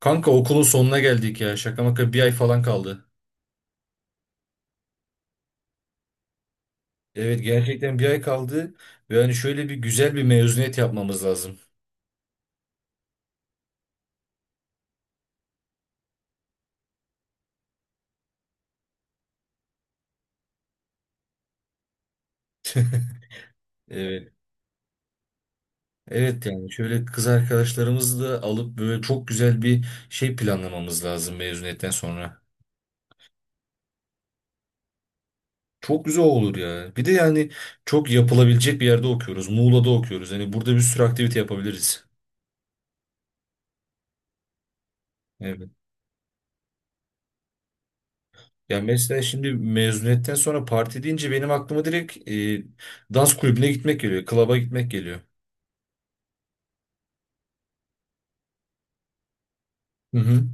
Kanka okulun sonuna geldik ya. Şaka maka bir ay falan kaldı. Evet gerçekten bir ay kaldı. Ve hani şöyle bir güzel bir mezuniyet yapmamız lazım. Evet. Evet yani şöyle kız arkadaşlarımızı da alıp böyle çok güzel bir şey planlamamız lazım mezuniyetten sonra. Çok güzel olur ya. Bir de yani çok yapılabilecek bir yerde okuyoruz. Muğla'da okuyoruz. Hani burada bir sürü aktivite yapabiliriz. Evet. Ya mesela şimdi mezuniyetten sonra parti deyince benim aklıma direkt dans kulübüne gitmek geliyor. Klaba gitmek geliyor. Hı hı.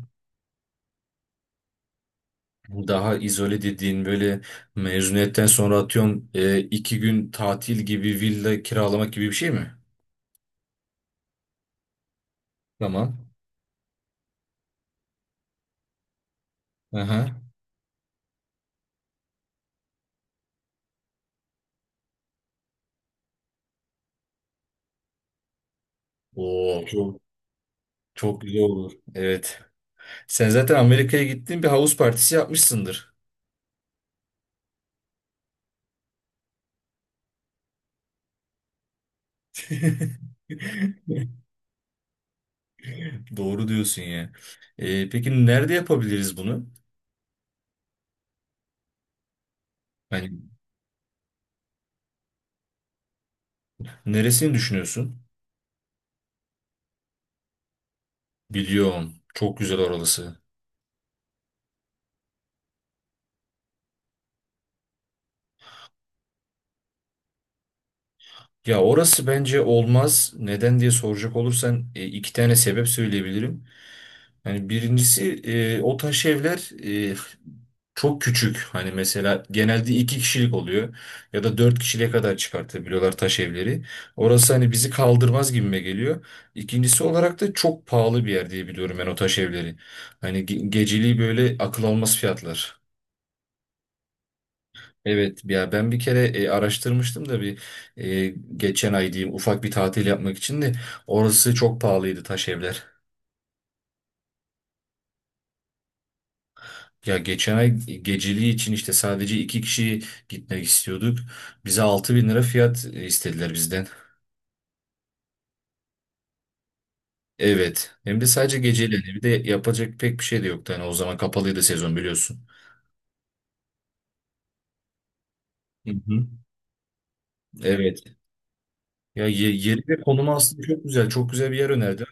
Daha izole dediğin böyle mezuniyetten sonra atıyorum 2 gün tatil gibi villa kiralamak gibi bir şey mi? Tamam. Aha. Oo, çok, çok güzel olur. Evet. Sen zaten Amerika'ya gittin bir havuz partisi yapmışsındır. Doğru diyorsun ya. Peki nerede yapabiliriz bunu? Hani neresini düşünüyorsun? Biliyorum. Çok güzel oralısı. Ya orası bence olmaz. Neden diye soracak olursan iki tane sebep söyleyebilirim. Yani birincisi o taş evler e, çok küçük. Hani mesela genelde iki kişilik oluyor ya da dört kişiliğe kadar çıkartabiliyorlar taş evleri. Orası hani bizi kaldırmaz gibime geliyor. İkincisi olarak da çok pahalı bir yer diye biliyorum ben o taş evleri. Hani geceliği böyle akıl almaz fiyatlar. Evet ya ben bir kere araştırmıştım da bir geçen ay diyeyim ufak bir tatil yapmak için de orası çok pahalıydı taş evler. Ya geçen ay geceliği için işte sadece iki kişi gitmek istiyorduk. Bize 6.000 lira fiyat istediler bizden. Evet. Hem de sadece geceliğini. Bir de yapacak pek bir şey de yoktu. Hani o zaman kapalıydı sezon biliyorsun. Hı hı. Evet. Ya yeri ve konumu aslında çok güzel. Çok güzel bir yer önerdi.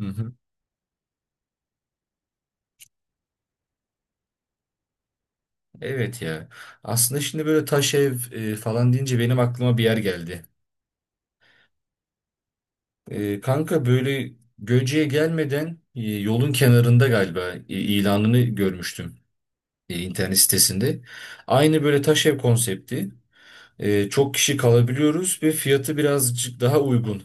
Hı hı. Evet ya. Aslında şimdi böyle taş ev falan deyince benim aklıma bir yer geldi. Kanka böyle Göce'ye gelmeden yolun kenarında galiba ilanını görmüştüm. E, internet sitesinde. Aynı böyle taş ev konsepti. Çok kişi kalabiliyoruz ve fiyatı birazcık daha uygun.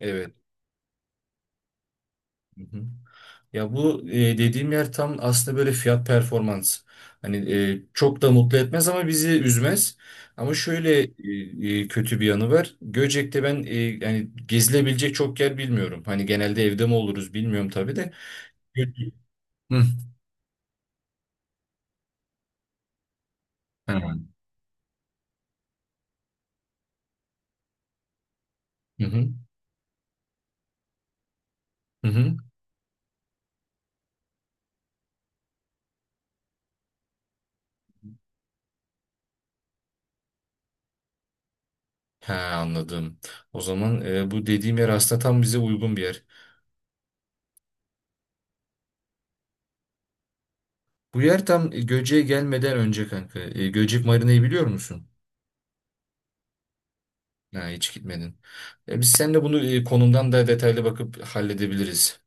Evet. Hı hı. Ya bu dediğim yer tam aslında böyle fiyat performans. Hani çok da mutlu etmez ama bizi üzmez. Ama şöyle kötü bir yanı var. Göcek'te ben yani gezilebilecek çok yer bilmiyorum. Hani genelde evde mi oluruz bilmiyorum tabii de. Gö- Hı. Ha. Hı hı. Hı hı. He anladım. O zaman bu dediğim yer aslında tam bize uygun bir yer. Bu yer tam Göcek'e gelmeden önce kanka. Göcek Marina'yı biliyor musun? Ha, hiç gitmedin. Biz seninle bunu konumdan da detaylı bakıp halledebiliriz.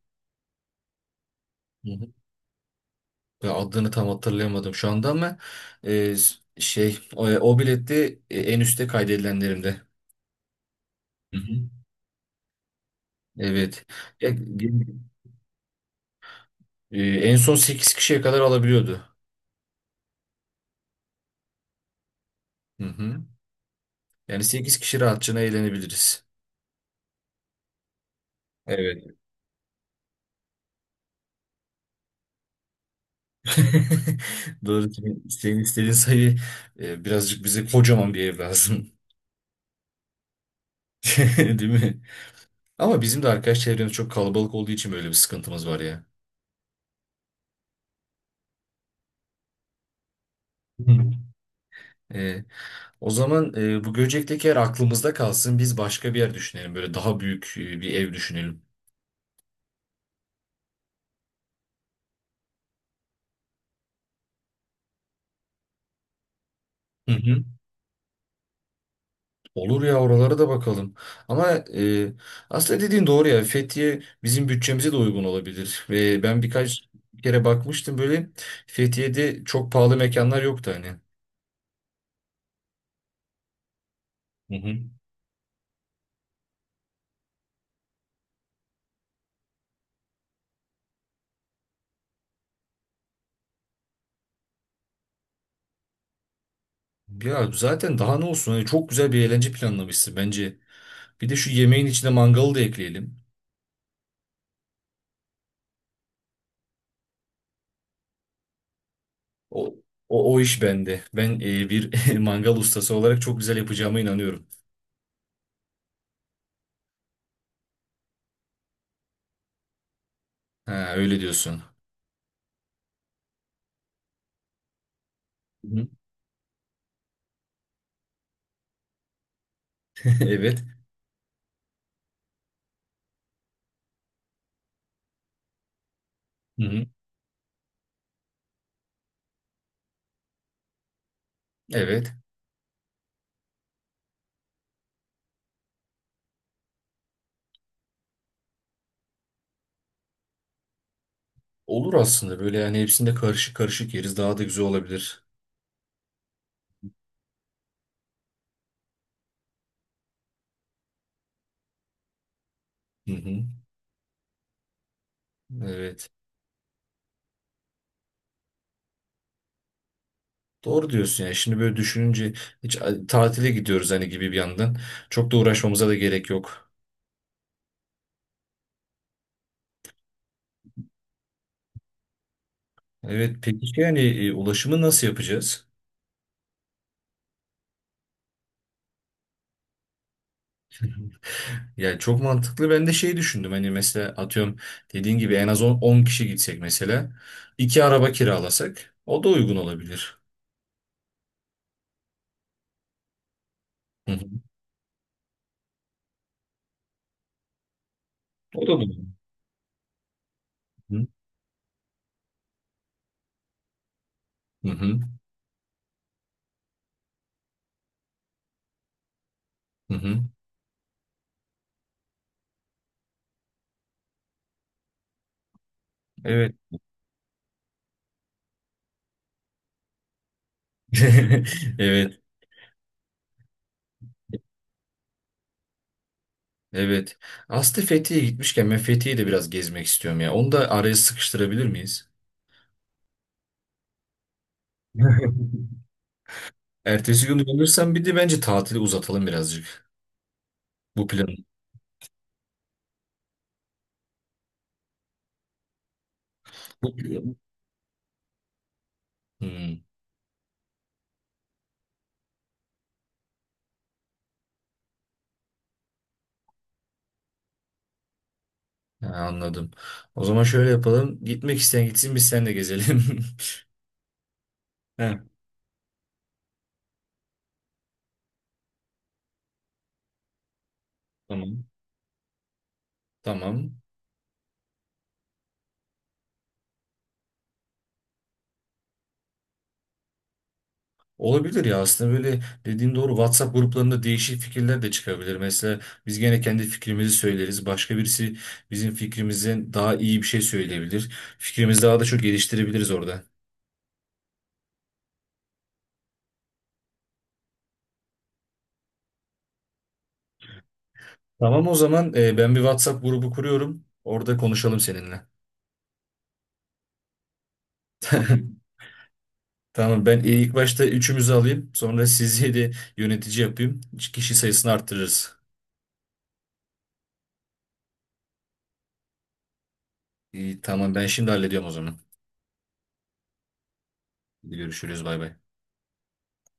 Hı hı. Ve adını tam hatırlayamadım şu anda ama şey o bilette en üstte kaydedilenlerimde. Hı hı. Evet. Ya, e, en son 8 kişiye kadar alabiliyordu. Hı hı. Yani 8 kişi rahatçına eğlenebiliriz. Evet. Doğru. Senin istediğin sayı birazcık bize kocaman bir ev lazım. Değil mi? Ama bizim de arkadaş çevremiz çok kalabalık olduğu için böyle bir sıkıntımız var ya. Hı. E, O zaman bu Göcek'teki yer aklımızda kalsın. Biz başka bir yer düşünelim. Böyle daha büyük bir ev düşünelim. Hı hı. Olur ya oralara da bakalım. Ama aslında dediğin doğru ya. Fethiye bizim bütçemize de uygun olabilir. Ve ben birkaç kere bakmıştım böyle Fethiye'de çok pahalı mekanlar yoktu hani. Hı hı. Ya zaten daha ne olsun? Hani çok güzel bir eğlence planlamışsın bence. Bir de şu yemeğin içine mangalı da ekleyelim. O o iş bende. Ben bir mangal ustası olarak çok güzel yapacağıma inanıyorum. Ha öyle diyorsun. Hı Evet. Hı hı. Evet. Olur aslında böyle yani hepsinde karışık karışık yeriz daha da güzel olabilir. Hı hı. Evet. Doğru diyorsun yani şimdi böyle düşününce hiç tatile gidiyoruz hani gibi bir yandan. Çok da uğraşmamıza da gerek yok. Evet peki yani ulaşımı nasıl yapacağız? Yani çok mantıklı. Ben de şey düşündüm. Hani mesela atıyorum dediğin gibi en az 10 kişi gitsek mesela. İki araba kiralasak o da uygun olabilir. Hı hı. O da bu. Hı hı. Hı hı. Evet. Evet. Evet. Aslı Fethiye'ye gitmişken ben Fethiye'yi de biraz gezmek istiyorum ya. Onu da araya sıkıştırabilir miyiz? Ertesi gün dönürsem bir de bence tatili uzatalım birazcık. Bu plan. Bu plan. Hmm, ha, anladım. O zaman şöyle yapalım. Gitmek isteyen gitsin biz seninle gezelim. He, tamam. Tamam. Olabilir ya aslında böyle dediğin doğru WhatsApp gruplarında değişik fikirler de çıkabilir. Mesela biz gene kendi fikrimizi söyleriz. Başka birisi bizim fikrimizden daha iyi bir şey söyleyebilir. Fikrimizi daha da çok geliştirebiliriz orada. Tamam o zaman ben bir WhatsApp grubu kuruyorum. Orada konuşalım seninle. Tamam ben ilk başta üçümüzü alayım. Sonra sizi de yönetici yapayım. Kişi sayısını arttırırız. İyi, tamam ben şimdi hallediyorum o zaman. Hadi görüşürüz bay bay.